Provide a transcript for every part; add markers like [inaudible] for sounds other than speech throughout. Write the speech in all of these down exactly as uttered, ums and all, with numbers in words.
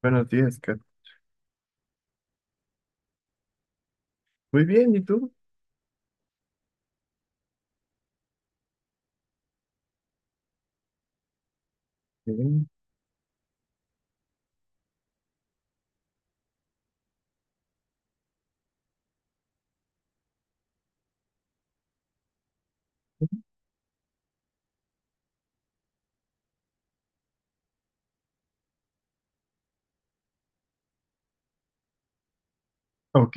Buenos días, Kat. Muy bien, ¿y tú? Bien. Ok.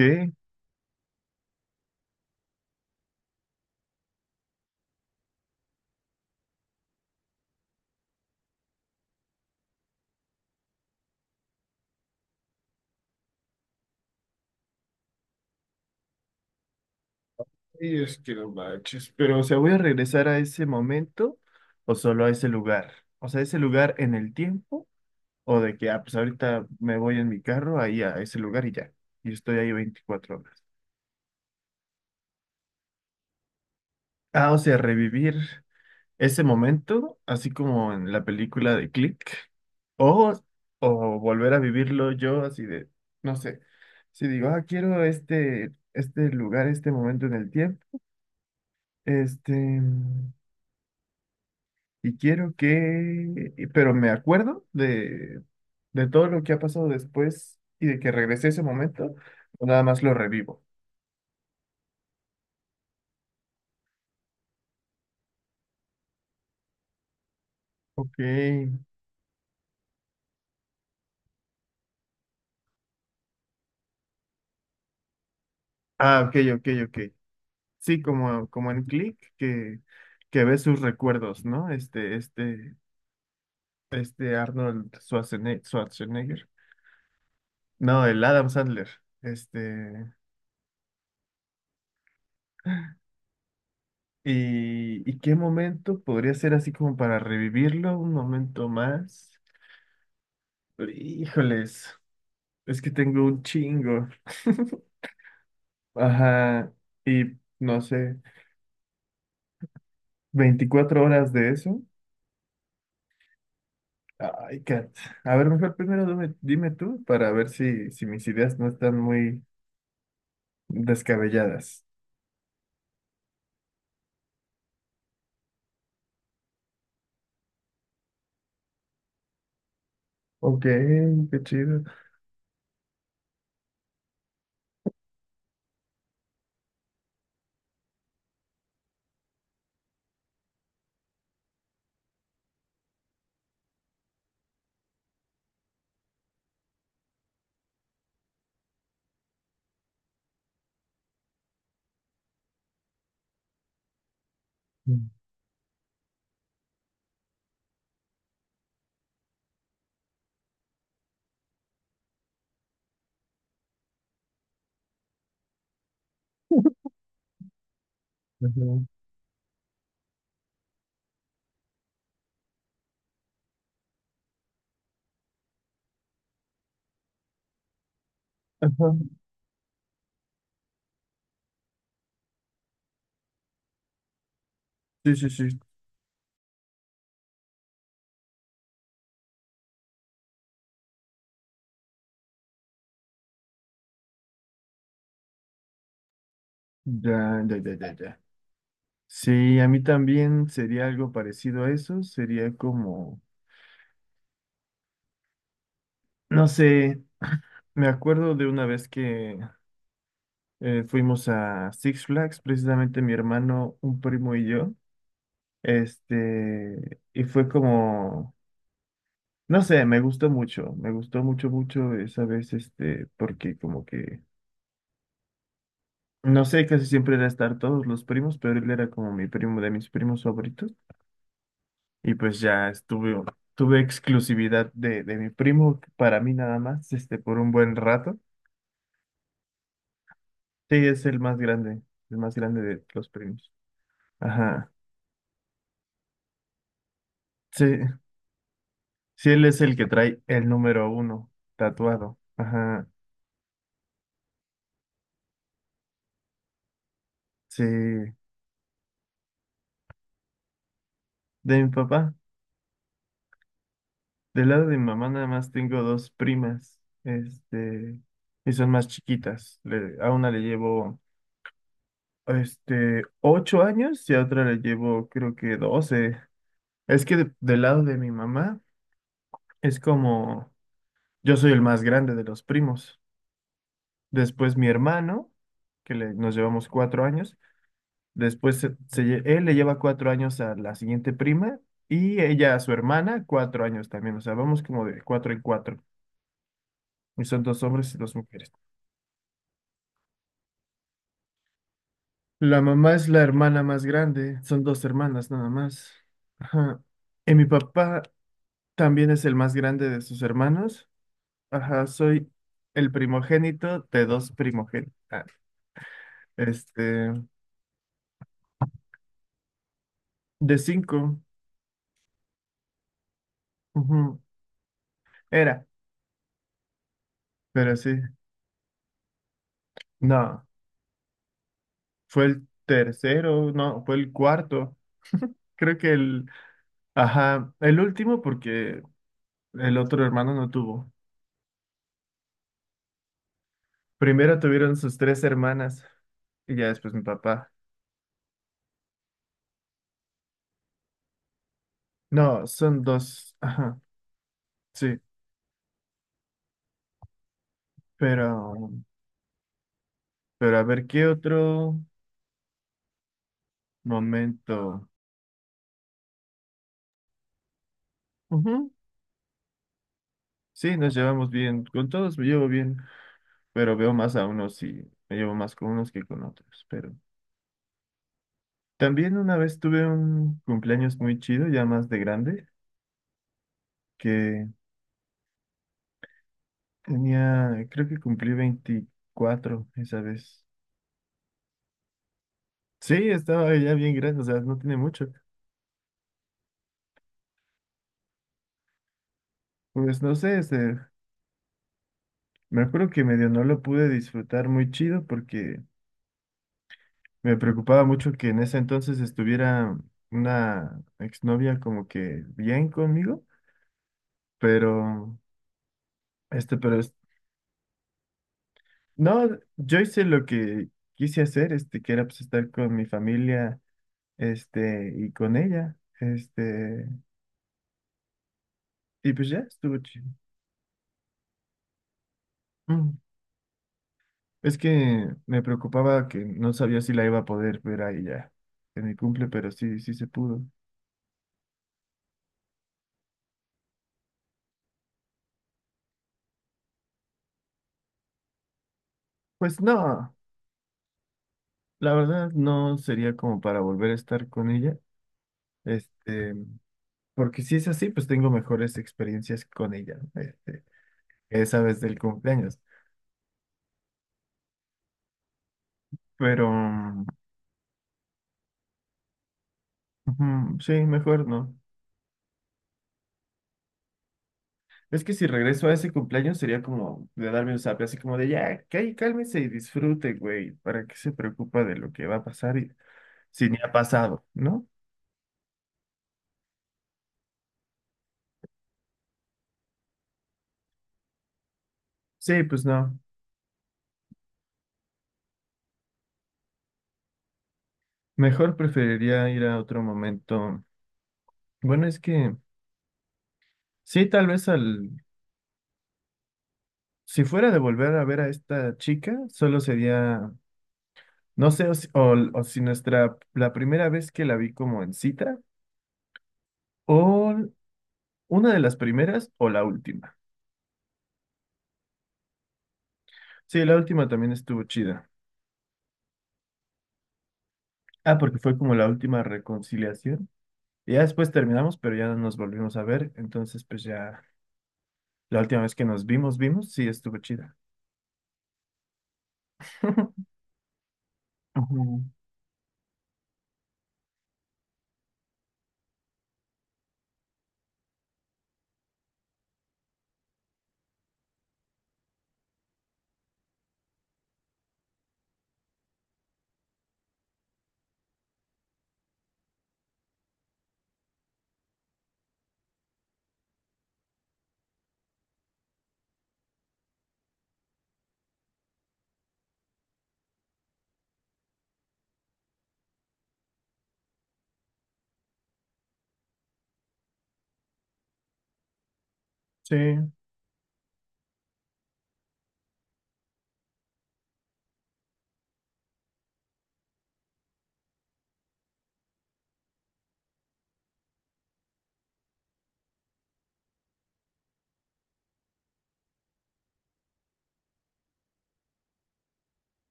Y es que no manches. Pero, o sea, ¿voy a regresar a ese momento o solo a ese lugar? O sea, ¿ese lugar en el tiempo? ¿O de que, ah, pues ahorita me voy en mi carro ahí a ese lugar y ya? Y estoy ahí veinticuatro horas. Ah, o sea, revivir ese momento, así como en la película de Click. O, o volver a vivirlo yo así de, no sé. Si digo, ah, quiero este, este lugar, este momento en el tiempo. Este, y quiero que, y- pero me acuerdo de, de todo lo que ha pasado después y de que regresé a ese momento, o nada más lo revivo. Ok. Ah, ok, ok, ok. Sí, como, como en Click, que, que ves sus recuerdos, ¿no? Este, este, este Arnold Schwarzeneg- Schwarzenegger. No, el Adam Sandler. Este. ¿Y, y qué momento podría ser así como para revivirlo? Un momento más. Híjoles, es que tengo un chingo. Ajá, y no sé, veinticuatro horas de eso. Ay, Kat. A ver, mejor primero dime, dime tú para ver si, si mis ideas no están muy descabelladas. Ok, qué chido. Mm. Ujú. Ajá. Sí, sí, sí. Ya, ya, ya, ya, ya. Sí, a mí también sería algo parecido a eso. Sería como, no sé, me acuerdo de una vez que Eh, fuimos a Six Flags, precisamente mi hermano, un primo y yo. Este, y fue como, no sé, me gustó mucho, me gustó mucho, mucho esa vez, este, porque como que, no sé, casi siempre era estar todos los primos, pero él era como mi primo de mis primos favoritos. Y pues ya estuve, tuve exclusividad de, de mi primo para mí nada más, este, por un buen rato. Sí, es el más grande, el más grande de los primos. Ajá. Sí. Sí, él es el que trae el número uno tatuado. Ajá. Sí. De mi papá. Del lado de mi mamá nada más tengo dos primas. Este. Y son más chiquitas. Le- a una le llevo este ocho años y a otra le llevo creo que doce. Es que de- del lado de mi mamá es como yo soy el más grande de los primos. Después mi hermano, que le- nos llevamos cuatro años. Después se- se lle- él le lleva cuatro años a la siguiente prima y ella a su hermana cuatro años también. O sea, vamos como de cuatro en cuatro. Y son dos hombres y dos mujeres. La mamá es la hermana más grande. Son dos hermanas nada más. Ajá. Y mi papá también es el más grande de sus hermanos. Ajá, soy el primogénito de dos primogénitos. Ah, este, de cinco. Ujú. Era, pero sí. No. Fue el tercero, no, fue el cuarto. [laughs] Creo que el, ajá, el último porque el otro hermano no tuvo. Primero tuvieron sus tres hermanas y ya después mi papá. No, son dos, ajá, sí, pero, pero a ver qué otro momento. Ujú. Sí, nos llevamos bien, con todos me llevo bien, pero veo más a unos y me llevo más con unos que con otros. Pero también una vez tuve un cumpleaños muy chido, ya más de grande, que tenía, creo que cumplí veinticuatro esa vez. Sí, estaba ya bien grande, o sea, no tiene mucho. Pues no sé, este, me acuerdo que medio no lo pude disfrutar muy chido porque me preocupaba mucho que en ese entonces estuviera una exnovia como que bien conmigo, pero, este, pero, es- no, yo hice lo que quise hacer, este, que era pues estar con mi familia, este, y con ella, este, y pues ya estuvo chido. Mm. Es que me preocupaba que no sabía si la iba a poder ver a ella en mi cumple, pero sí, sí se pudo. Pues no, la verdad no sería como para volver a estar con ella. Este, porque si es así, pues tengo mejores experiencias con ella, ¿no? Este, esa vez del cumpleaños. Pero mm, ujú, sí, mejor no. Es que si regreso a ese cumpleaños sería como de darme un zape, así como de ya, cá- cálmese y disfrute, güey. ¿Para qué se preocupa de lo que va a pasar y si ni ha pasado?, ¿no? Sí, pues no. Mejor preferiría ir a otro momento. Bueno, es que sí, tal vez al... Si fuera de volver a ver a esta chica, solo sería, no sé, o si, o- o si nuestra, la primera vez que la vi como en cita, o una de las primeras, o la última. Sí, la última también estuvo chida. Ah, porque fue como la última reconciliación. Y ya después terminamos, pero ya no nos volvimos a ver. Entonces, pues ya, la última vez que nos vimos, vimos, sí, estuvo chida. [laughs] Ujú. Sí.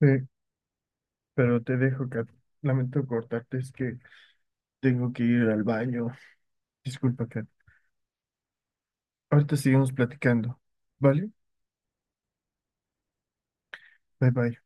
Sí, pero te dejo, Kat. Lamento cortarte, es que tengo que ir al baño. Disculpa, Kat. Ahorita seguimos platicando, ¿vale? Bye bye.